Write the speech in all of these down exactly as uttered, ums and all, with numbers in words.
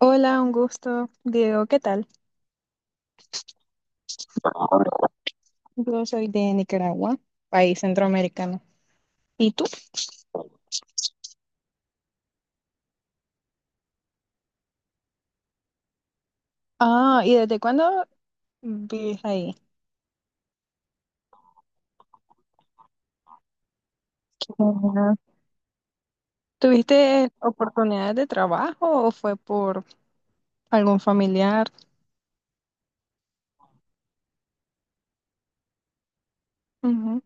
Hola, un gusto. Diego, ¿qué tal? Yo soy de Nicaragua, país centroamericano. ¿Y tú? Ah, ¿y desde cuándo vives ahí? Ujú. ¿Tuviste oportunidades de trabajo o fue por algún familiar? Ujú.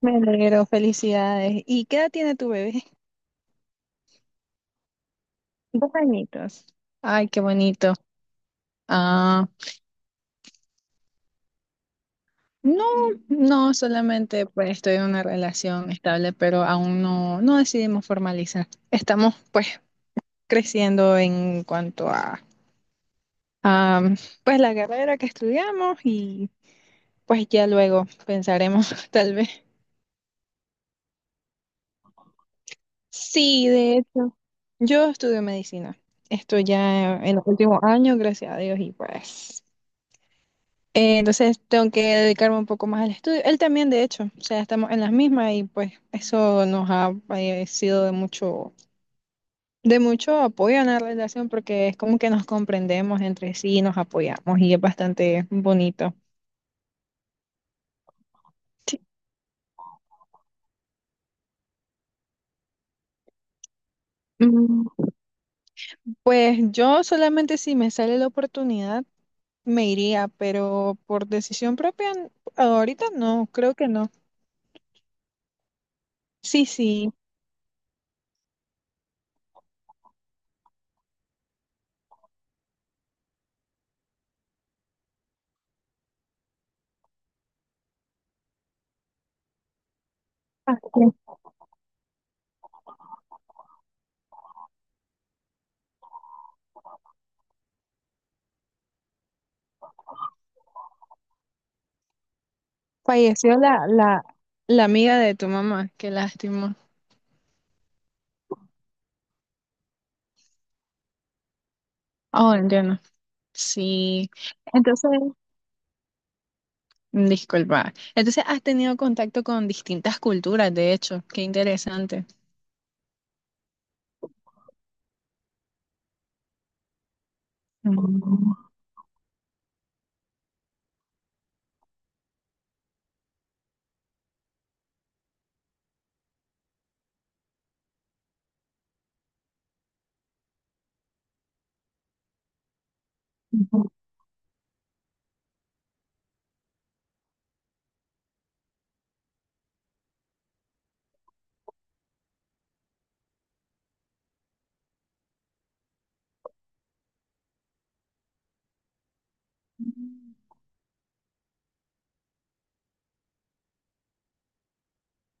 Me alegro, felicidades. ¿Y qué edad tiene tu bebé? Dos añitos. Ay, qué bonito. Ah, no, no, solamente pues estoy en una relación estable, pero aún no, no decidimos formalizar. Estamos pues creciendo en cuanto a, a, pues la carrera que estudiamos y pues ya luego pensaremos tal vez. Sí, de hecho, yo estudio medicina. Estoy ya en los últimos años, gracias a Dios, y pues eh, entonces tengo que dedicarme un poco más al estudio. Él también, de hecho, o sea, estamos en las mismas y pues eso nos ha eh, sido de mucho, de mucho apoyo en la relación porque es como que nos comprendemos entre sí, nos apoyamos y es bastante bonito. Mm. Pues yo solamente si me sale la oportunidad me iría, pero por decisión propia n- ahorita no, creo que no. Sí, sí. Ah, ok. Falleció la, la, la amiga de tu mamá, qué lástima. Oh, entiendo. Sí, entonces, mm, disculpa. Entonces has tenido contacto con distintas culturas, de hecho, qué interesante. Mm.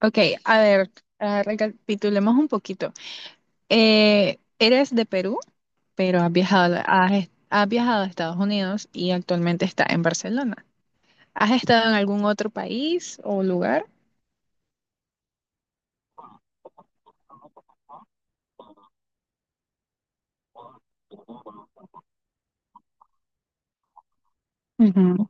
Ok, a ver, ah, recapitulemos un poquito. Eh, ¿eres de Perú? Pero has viajado, has, est- has viajado a Estados Unidos y actualmente está en Barcelona. ¿Has estado en algún otro país o lugar? Ujú.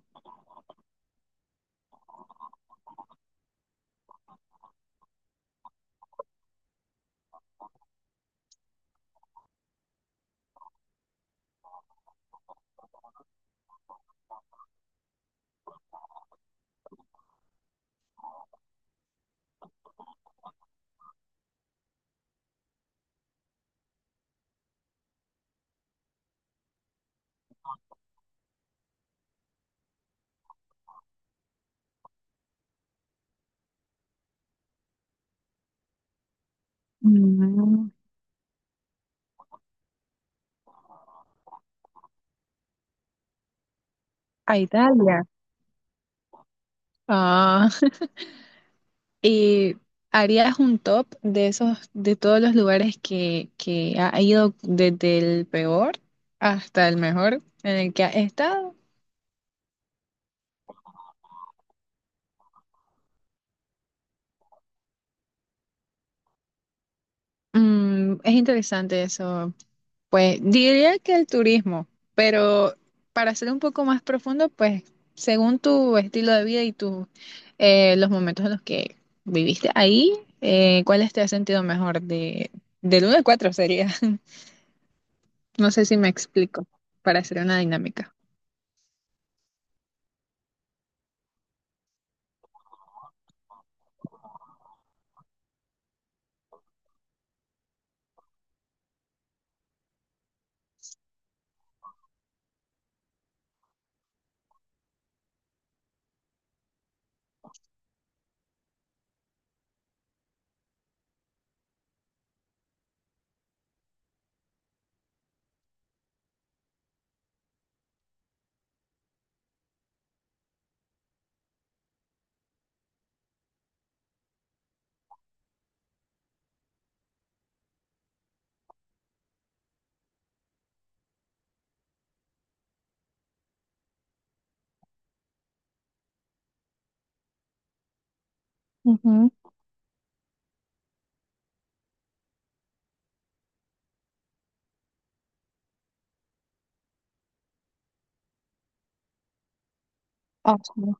Mm, A Italia. Ah, ¿y harías un top de esos, de todos los lugares que, que ha ido desde el peor hasta el mejor en el que has estado? Mm, es interesante eso. Pues diría que el turismo, pero para ser un poco más profundo, pues según tu estilo de vida y tus eh, los momentos en los que viviste ahí, eh, ¿cuáles te has sentido mejor? De, del uno al cuatro sería. No sé si me explico para hacer una dinámica. Ujú. Awesome.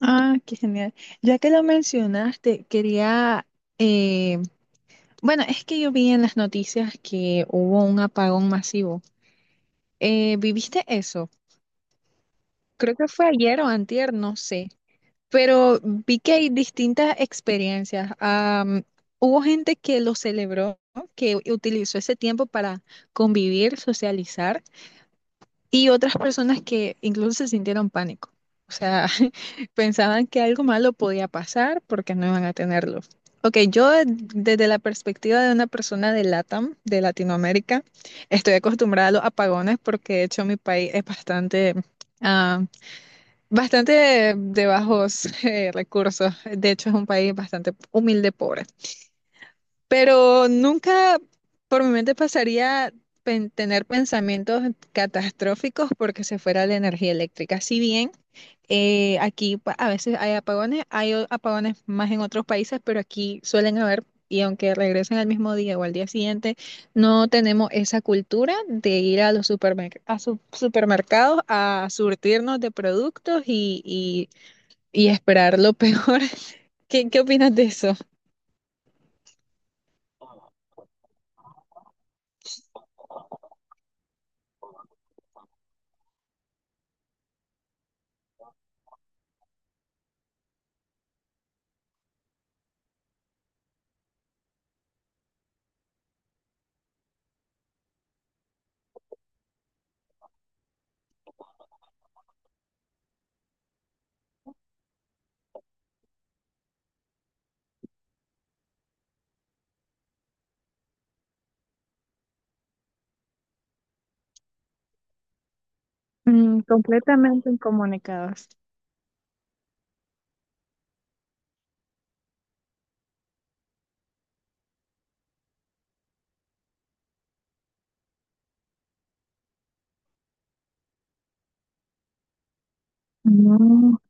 Ah, qué genial. Ya que lo mencionaste, quería, eh, bueno, es que yo vi en las noticias que hubo un apagón masivo. Eh, ¿viviste eso? Creo que fue ayer o antier, no sé, pero vi que hay distintas experiencias. Am, hubo gente que lo celebró, ¿no? Que utilizó ese tiempo para convivir, socializar, y otras personas que incluso se sintieron pánico. O sea, pensaban que algo malo podía pasar porque no iban a tenerlo. Ok, yo de- desde la perspectiva de una persona de LATAM, de Latinoamérica, estoy acostumbrada a los apagones porque de hecho mi país es bastante... Bastante de bajos eh, recursos. De hecho, es un país bastante humilde, pobre. Pero nunca por mi mente pasaría pen- tener pensamientos catastróficos porque se fuera la energía eléctrica. Si bien eh, aquí pa- a veces hay apagones, hay o- apagones más en otros países, pero aquí suelen haber, y aunque regresen al mismo día o al día siguiente, no tenemos esa cultura de ir a los supermer- a su- supermercados a surtirnos de productos y, y esperar lo peor. ¿Qué, qué opinas de eso? Mm, completamente incomunicados. No.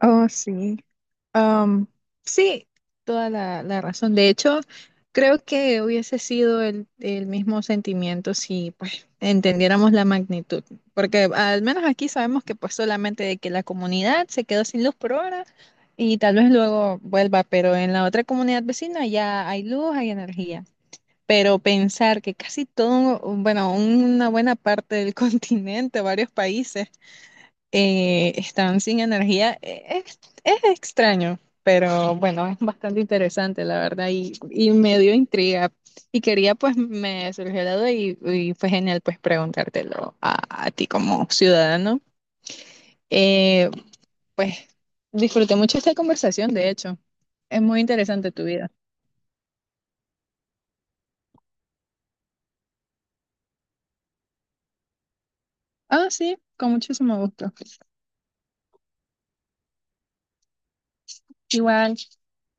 Oh, sí. Am, sí, toda la, la razón. De hecho, creo que hubiese sido el, el mismo sentimiento si pues entendiéramos la magnitud. Porque al menos aquí sabemos que pues solamente de que la comunidad se quedó sin luz por ahora y tal vez luego vuelva, pero en la otra comunidad vecina ya hay luz, hay energía. Pero pensar que casi todo, bueno, una buena parte del continente, varios países, eh, están sin energía, eh, es, es extraño, pero bueno, es bastante interesante, la verdad, y, y me dio intriga. Y quería, pues, me surgió la duda y, y fue genial, pues, preguntártelo a, a ti como ciudadano. Eh, pues, disfruté mucho esta conversación, de hecho. Es muy interesante tu vida. Ah, sí, con muchísimo gusto. Igual.